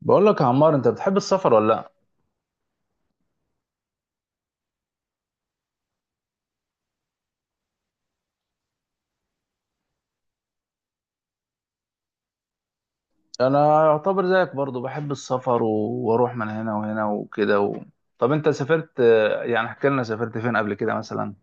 بقول لك يا عمار، انت بتحب السفر ولا لا؟ انا يعتبر زيك برضو بحب السفر. و... واروح من هنا وهنا وكده. و... طب انت سافرت، يعني احكي لنا سافرت فين قبل كده مثلا؟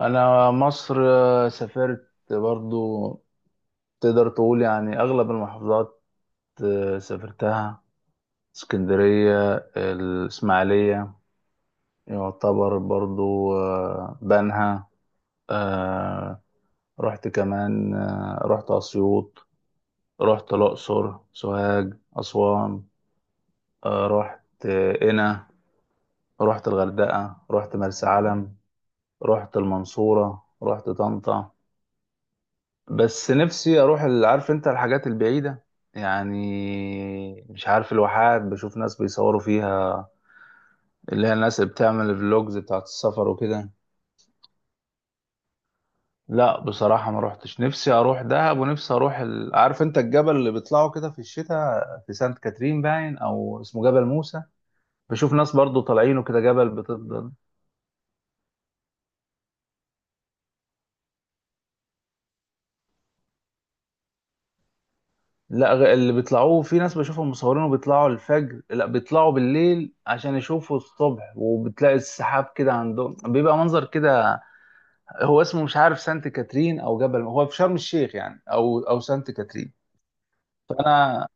انا مصر سافرت برضو، تقدر تقول يعني اغلب المحافظات سافرتها. اسكندرية، الاسماعيلية، يعتبر برضو بنها، آه، رحت كمان رحت اسيوط، رحت الاقصر، سوهاج، اسوان، رحت قنا، رحت الغردقة، رحت مرسى علم، رحت المنصورة، رحت طنطا. بس نفسي اروح عارف انت الحاجات البعيدة، يعني مش عارف الواحات، بشوف ناس بيصوروا فيها، اللي هي الناس اللي بتعمل الفلوجز بتاعت السفر وكده. لا بصراحة ما روحتش، نفسي اروح دهب ونفسي اروح عارف انت الجبل اللي بيطلعوا كده في الشتاء في سانت كاترين، باين او اسمه جبل موسى. بشوف ناس برضو طالعينه كده، جبل لا اللي بيطلعوه، في ناس بشوفهم مصورينه بيطلعوا الفجر، لا بيطلعوا بالليل عشان يشوفوا الصبح وبتلاقي السحاب كده عندهم، بيبقى منظر كده. هو اسمه مش عارف سانت كاترين او جبل، هو في شرم الشيخ يعني او سانت كاترين. فانا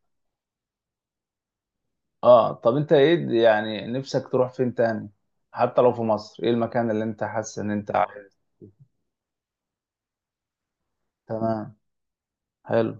اه، طب انت ايه يعني نفسك تروح فين تاني؟ حتى لو في مصر، ايه المكان اللي انت حاسس ان انت عايز؟ تمام، حلو.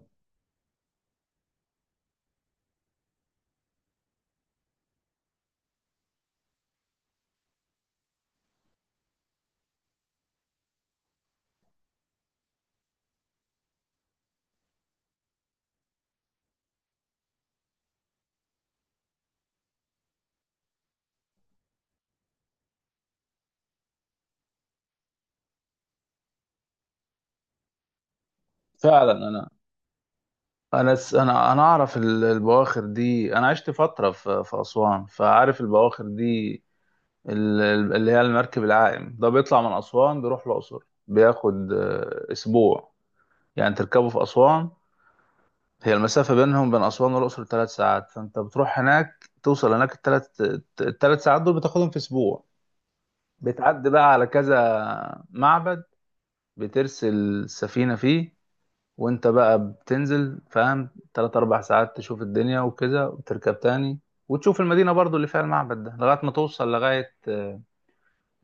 فعلا انا انا اعرف البواخر دي، انا عشت فتره في اسوان، فعارف البواخر دي. اللي هي المركب العائم ده بيطلع من أسوان بيروح الأقصر، بياخد أسبوع. يعني تركبه في أسوان، هي المسافة بينهم بين أسوان والأقصر 3 ساعات، فأنت بتروح هناك توصل هناك، الثلاث، ال3 ساعات دول بتاخدهم في أسبوع. بتعدي بقى على كذا معبد، بترسل السفينة فيه، وأنت بقى بتنزل فاهم 3 4 ساعات تشوف الدنيا وكذا وتركب تاني. وتشوف المدينة برضو اللي فيها المعبد ده لغاية ما توصل لغاية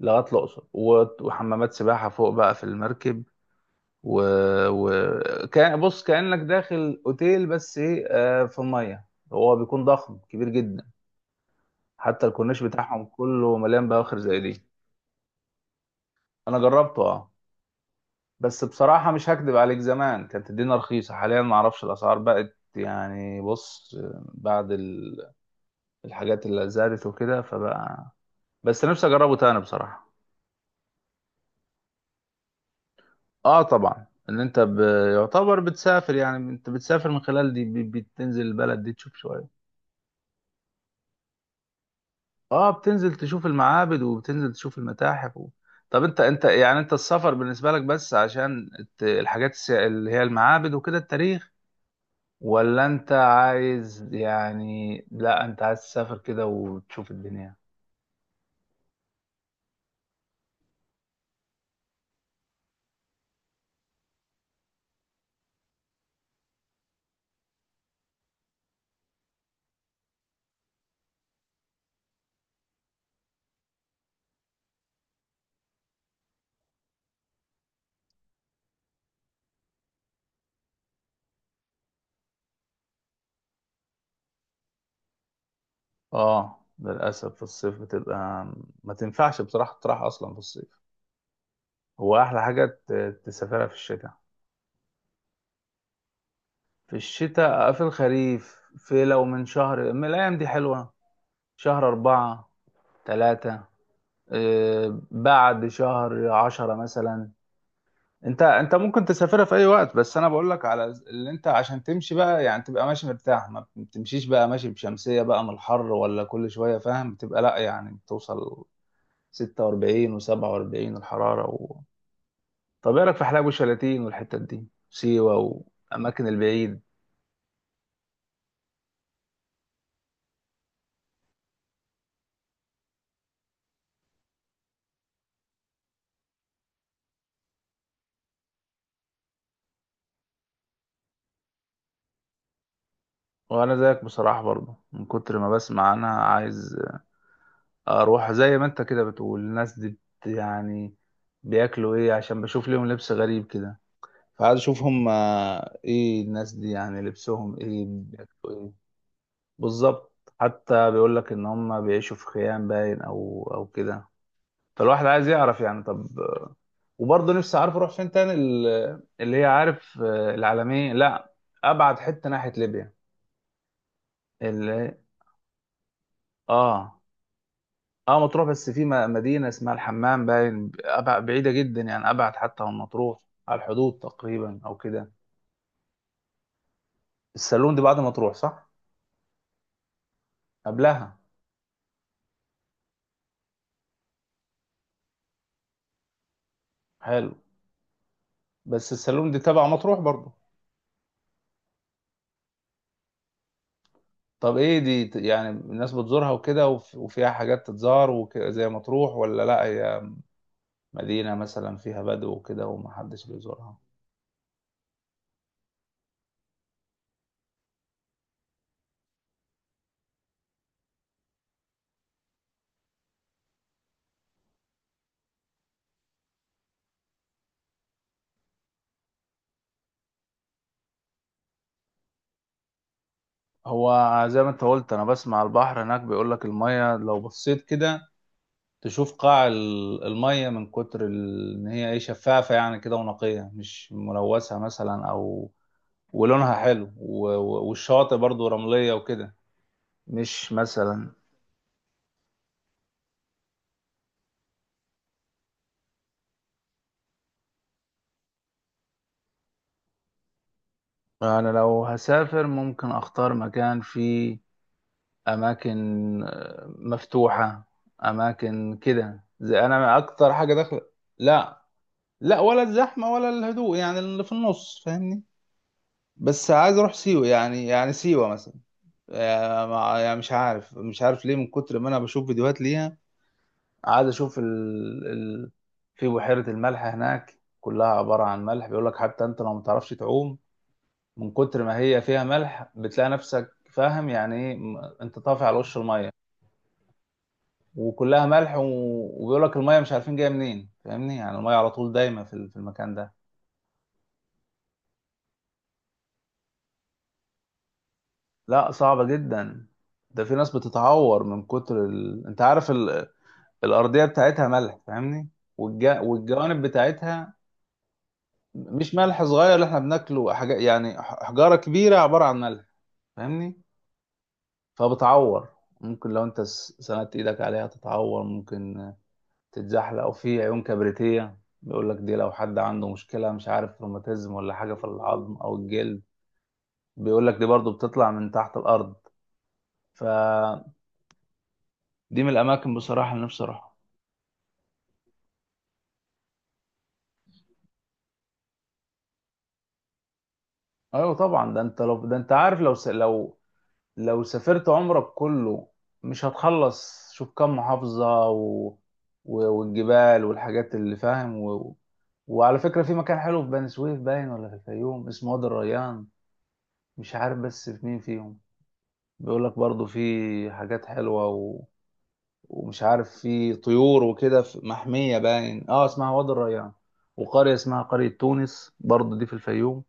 لغايه الاقصر، وحمامات سباحه فوق بقى في المركب. و... و... كان بص كانك داخل اوتيل، بس ايه، في الميه. هو بيكون ضخم كبير جدا، حتى الكورنيش بتاعهم كله مليان بواخر زي دي. انا جربته اه، بس بصراحه مش هكدب عليك، زمان كانت الدنيا رخيصه، حاليا ما اعرفش الاسعار بقت يعني، بص بعد الحاجات اللي زادت وكده فبقى، بس نفسي اجربه تاني بصراحه. اه طبعا، ان انت يعتبر بتسافر، يعني انت بتسافر من خلال دي بتنزل البلد دي تشوف شوية. اه بتنزل تشوف المعابد وبتنزل تشوف المتاحف. و... طب انت يعني انت، السفر بالنسبة لك بس عشان الحاجات اللي هي المعابد وكده التاريخ، ولا انت عايز يعني، لا انت عايز تسافر كده وتشوف الدنيا؟ اه للأسف في الصيف بتبقى، ما تنفعش بصراحة تروح أصلا في الصيف، هو أحلى حاجة تسافرها في الشتاء. في الشتاء، في الخريف، في لو من شهر من الأيام دي حلوة، شهر 4، 3، بعد شهر 10 مثلا. انت ممكن تسافرها في اي وقت، بس انا بقول لك على اللي انت عشان تمشي بقى، يعني تبقى ماشي مرتاح، ما بتمشيش بقى ماشي بشمسية بقى من الحر ولا كل شوية فاهم، بتبقى لا يعني بتوصل 46 و47 الحرارة. و... طب ايه رايك في حلايب وشلاتين والحتت دي، سيوة والاماكن البعيدة؟ وانا زيك بصراحة برضو، من كتر ما بسمع انا عايز اروح، زي ما انت كده بتقول، الناس دي بت يعني بياكلوا ايه، عشان بشوف ليهم لبس غريب كده، فعايز اشوف هم ايه الناس دي، يعني لبسهم ايه بياكلوا ايه. بالظبط، حتى بيقول لك ان هم بيعيشوا في خيام باين او كده، فالواحد عايز يعرف يعني. طب وبرضه نفسي، عارف اروح فين تاني، اللي هي عارف العالمية، لا، ابعد حتة ناحية ليبيا. اللي، اه، اه مطروح، بس في مدينة اسمها الحمام باين، بعيدة جدا يعني، أبعد حتى من مطروح، على الحدود تقريبا أو كده. السالون دي بعد مطروح، صح؟ قبلها. حلو، بس السالون دي تبع مطروح برضه. طب إيه دي يعني الناس بتزورها وكده، وفيها حاجات تتزار وكده زي مطروح، ولا لأ هي مدينة مثلا فيها بدو وكده ومحدش بيزورها؟ هو زي ما انت قلت، أنا بسمع البحر هناك بيقول لك المية لو بصيت كده تشوف قاع المية، من كتر ان هي ايه شفافة يعني كده، ونقية مش ملوثة مثلا، او ولونها حلو والشواطئ برضو رملية وكده، مش مثلا. انا لو هسافر، ممكن اختار مكان فيه اماكن مفتوحة، اماكن كده، زي انا اكتر حاجة داخل. لا، لا ولا الزحمة ولا الهدوء، يعني اللي في النص فاهمني، بس عايز اروح سيوة يعني، يعني سيوة مثلا. يعني يعني مش عارف ليه، من كتر ما انا بشوف فيديوهات ليها، قاعد اشوف، ال... ال... في بحيرة الملح هناك كلها عبارة عن ملح، بيقول لك حتى انت لو ما تعرفش تعوم، من كتر ما هي فيها ملح بتلاقي نفسك فاهم يعني ايه، انت طافي على وش المية، وكلها ملح، و... وبيقول لك المية مش عارفين جاية منين فاهمني، يعني المية على طول دايما في في المكان ده. لا صعبة جدا، ده في ناس بتتعور من كتر، ال... انت عارف الارضيه بتاعتها ملح فاهمني، والجوانب بتاعتها، مش ملح صغير اللي احنا بناكله، حاجه يعني حجاره كبيره عباره عن ملح فاهمني. فبتعور، ممكن لو انت سندت ايدك عليها تتعور، ممكن تتزحلق، او في عيون كبريتيه، بيقول لك دي لو حد عنده مشكله مش عارف روماتيزم ولا حاجه في العظم او الجلد، بيقول لك دي برضو بتطلع من تحت الارض، فدي من الاماكن بصراحه اللي نفسي اروحها. ايوه طبعا، ده انت لو ده انت عارف، لو لو سافرت عمرك كله مش هتخلص، شوف كم محافظة، و... و... والجبال والحاجات اللي فاهم. و... وعلى فكرة في مكان حلو في بني سويف باين ولا في الفيوم، اسمه وادي الريان، مش عارف بس في مين فيهم، بيقول لك برضو في حاجات حلوة، و... ومش عارف في طيور وكده، في محمية باين اه اسمها وادي الريان، وقرية اسمها قرية تونس برضو دي في الفيوم.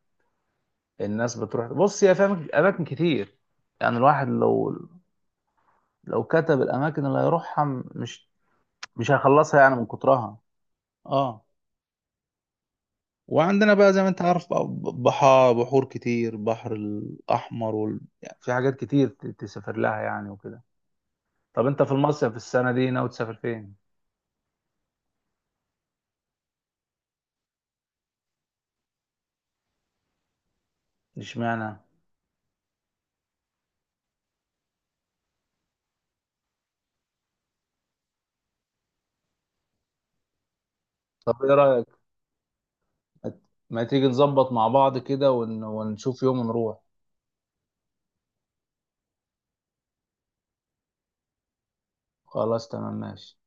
الناس بتروح، بص يا فاهم أماكن كتير، يعني الواحد لو، لو كتب الاماكن اللي هيروحها، مش مش هيخلصها يعني من كترها. اه، وعندنا بقى زي ما انت عارف بقى، بحار، بحور كتير، بحر الأحمر، وال... يعني في حاجات كتير تسافر لها يعني وكده. طب انت في المصيف في السنه دي ناوي تسافر فين؟ اشمعنى؟ طب ايه رايك، ما ما تيجي نظبط مع بعض كده، ونشوف يوم نروح. خلاص تمام ماشي.